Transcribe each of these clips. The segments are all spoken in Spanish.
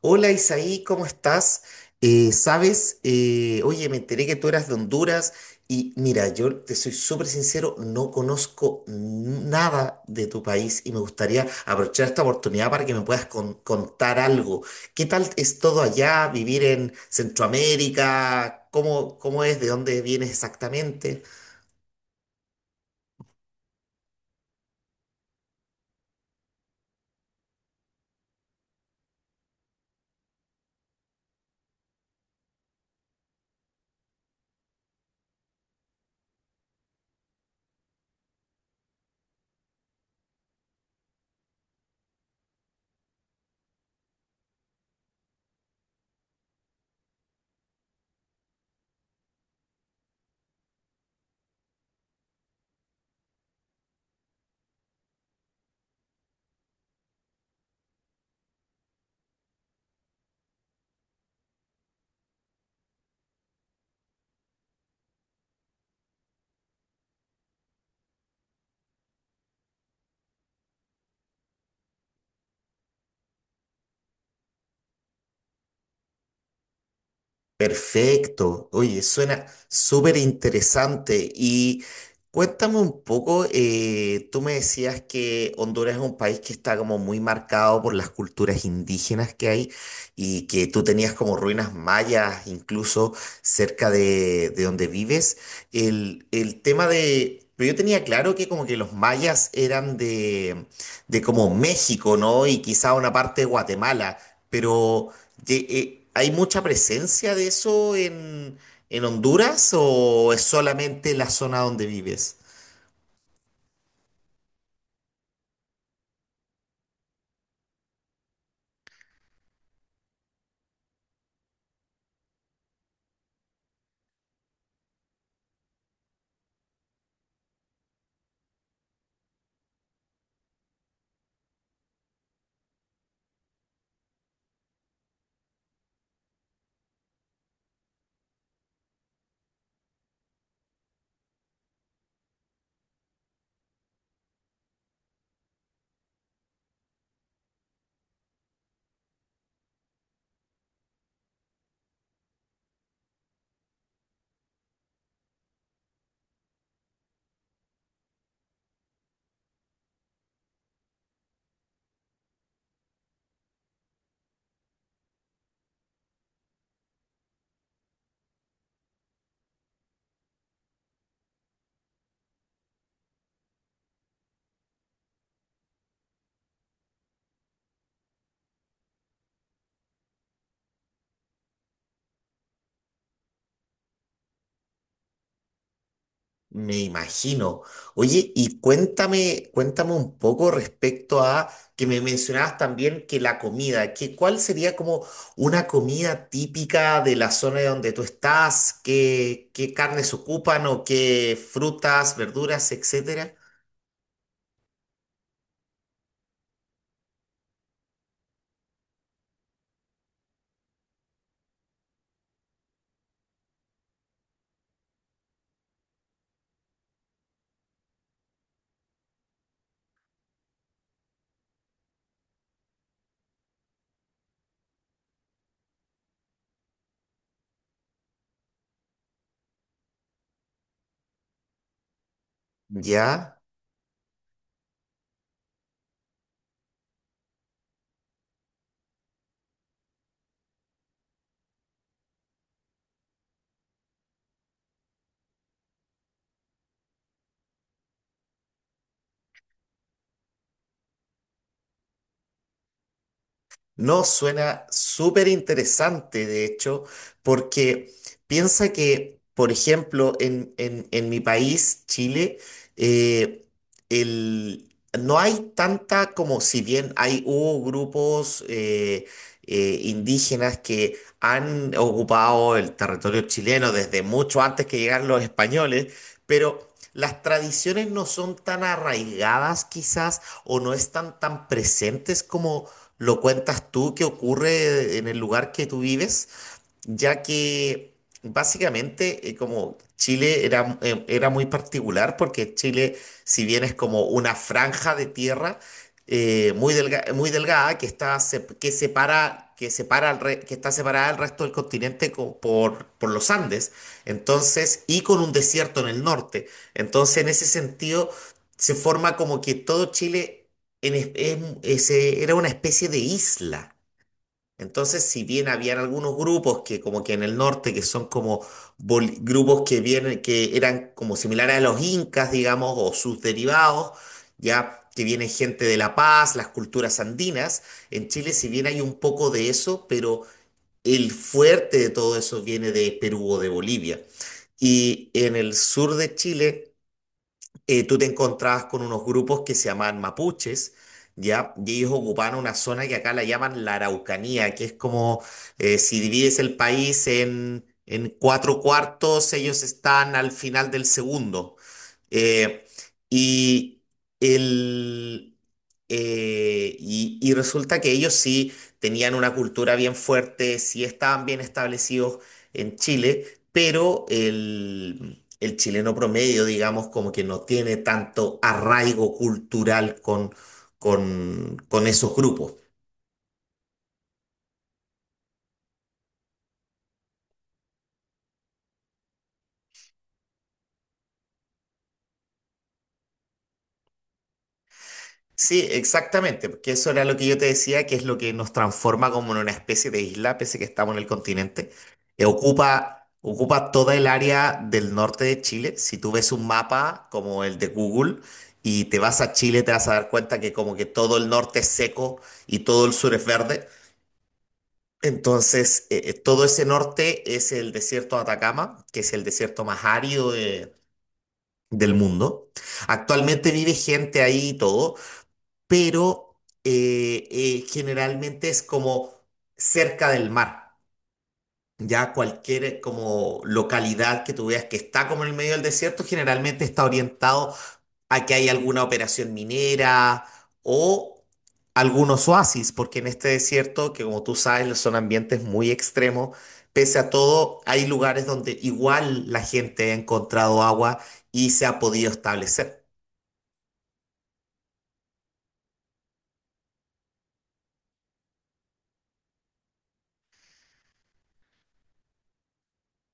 Hola Isaí, ¿cómo estás? Sabes, oye, me enteré que tú eras de Honduras y mira, yo te soy súper sincero, no conozco nada de tu país y me gustaría aprovechar esta oportunidad para que me puedas contar algo. ¿Qué tal es todo allá, vivir en Centroamérica? ¿Cómo es? ¿De dónde vienes exactamente? Perfecto. Oye, suena súper interesante. Y cuéntame un poco, tú me decías que Honduras es un país que está como muy marcado por las culturas indígenas que hay y que tú tenías como ruinas mayas incluso cerca de donde vives. El tema de... Pero yo tenía claro que como que los mayas eran de como México, ¿no? Y quizá una parte de Guatemala, pero... ¿Hay mucha presencia de eso en Honduras o es solamente la zona donde vives? Me imagino. Oye, y cuéntame un poco respecto a que me mencionabas también que la comida, que cuál sería como una comida típica de la zona de donde tú estás, qué carnes ocupan o qué frutas, verduras, etcétera. ¿Ya? No, suena súper interesante, de hecho, porque piensa que, por ejemplo, en mi país, Chile, eh, el- no hay tanta como si bien hay hubo grupos indígenas que han ocupado el territorio chileno desde mucho antes que llegaran los españoles, pero las tradiciones no son tan arraigadas quizás o no están tan presentes como lo cuentas tú que ocurre en el lugar que tú vives ya que básicamente como Chile era, era muy particular porque Chile, si bien es como una franja de tierra muy delgada que que separa que está separada del resto del continente por los Andes, entonces y con un desierto en el norte, entonces en ese sentido se forma como que todo Chile en es- era una especie de isla. Entonces, si bien habían algunos grupos que como que en el norte, que son como grupos que vienen, que eran como similares a los incas, digamos, o sus derivados, ya que viene gente de La Paz, las culturas andinas, en Chile si bien hay un poco de eso, pero el fuerte de todo eso viene de Perú o de Bolivia. Y en el sur de Chile tú te encontrabas con unos grupos que se llamaban mapuches, ¿ya? Y ellos ocupaban una zona que acá la llaman la Araucanía, que es como si divides el país en cuatro cuartos, ellos están al final del segundo. Eh, y, el, y resulta que ellos sí tenían una cultura bien fuerte, sí estaban bien establecidos en Chile, pero el chileno promedio, digamos, como que no tiene tanto arraigo cultural con esos grupos. Sí, exactamente, porque eso era lo que yo te decía, que es lo que nos transforma como en una especie de isla, pese que estamos en el continente. Ocupa toda el área del norte de Chile. Si tú ves un mapa como el de Google y te vas a Chile, te vas a dar cuenta que como que todo el norte es seco y todo el sur es verde. Entonces, todo ese norte es el desierto de Atacama, que es el desierto más árido del mundo. Actualmente vive gente ahí y todo, pero generalmente es como cerca del mar. Ya cualquier como localidad que tú veas que está como en el medio del desierto, generalmente está orientado a que hay alguna operación minera o algunos oasis, porque en este desierto, que como tú sabes, son ambientes muy extremos, pese a todo, hay lugares donde igual la gente ha encontrado agua y se ha podido establecer.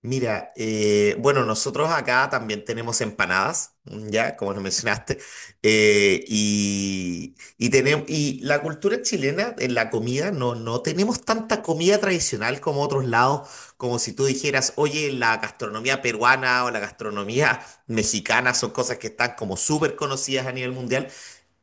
Mira, bueno, nosotros acá también tenemos empanadas, mm, ya, como lo mencionaste, tenemos, y la cultura chilena en la comida, no, no tenemos tanta comida tradicional como otros lados, como si tú dijeras, oye, la gastronomía peruana o la gastronomía mexicana son cosas que están como súper conocidas a nivel mundial.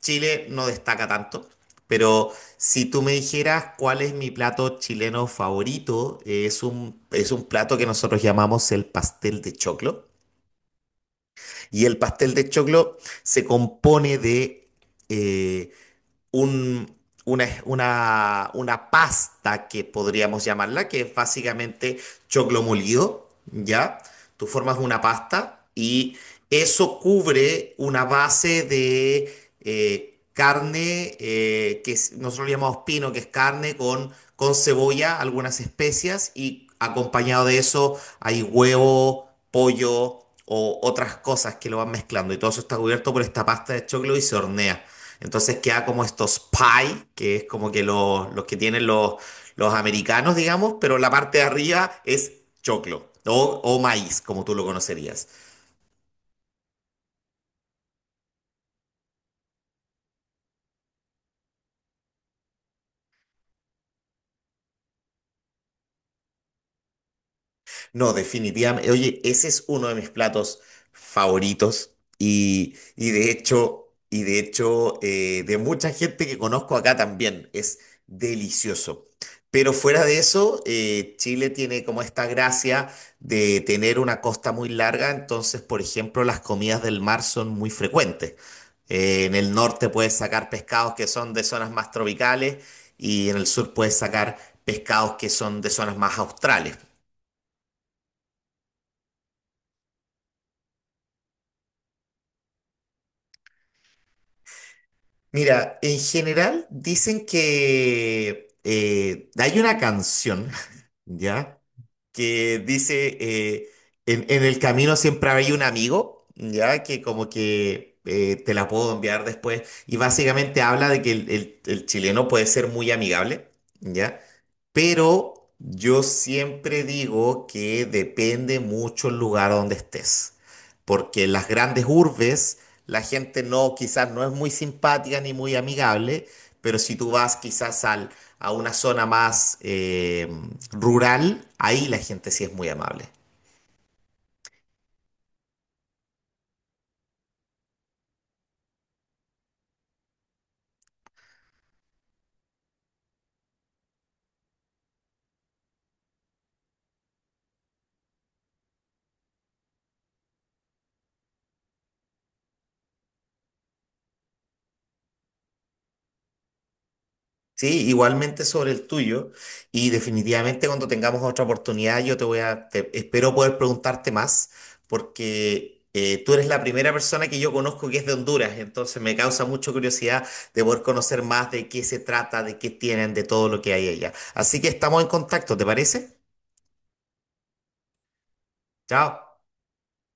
Chile no destaca tanto, pero si tú me dijeras cuál es mi plato chileno favorito, es un plato que nosotros llamamos el pastel de choclo. Y el pastel de choclo se compone de eh, un- una pasta que podríamos llamarla, que es básicamente choclo molido, ¿ya? Tú formas una pasta y eso cubre una base de carne, nosotros le llamamos pino, que es carne con cebolla, algunas especias y acompañado de eso hay huevo, pollo o otras cosas que lo van mezclando y todo eso está cubierto por esta pasta de choclo y se hornea. Entonces queda como estos pie, que es como que los que tienen los americanos, digamos, pero la parte de arriba es choclo o maíz, como tú lo conocerías. No, definitivamente. Oye, ese es uno de mis platos favoritos y de hecho, de mucha gente que conozco acá también. Es delicioso. Pero fuera de eso, Chile tiene como esta gracia de tener una costa muy larga, entonces, por ejemplo, las comidas del mar son muy frecuentes. En el norte puedes sacar pescados que son de zonas más tropicales y en el sur puedes sacar pescados que son de zonas más australes. Mira, en general dicen que hay una canción, ¿ya? Que dice, en el camino siempre hay un amigo, ¿ya? Que como que te la puedo enviar después. Y básicamente habla de que el chileno puede ser muy amigable, ¿ya? Pero yo siempre digo que depende mucho el lugar donde estés porque en las grandes urbes la gente no, quizás no es muy simpática ni muy amigable, pero si tú vas quizás a una zona más rural, ahí la gente sí es muy amable. Sí, igualmente sobre el tuyo. Y definitivamente cuando tengamos otra oportunidad, yo te voy a, te- espero poder preguntarte más, porque tú eres la primera persona que yo conozco que es de Honduras, entonces me causa mucha curiosidad de poder conocer más de qué se trata, de qué tienen, de todo lo que hay allá. Así que estamos en contacto, ¿te parece? Chao.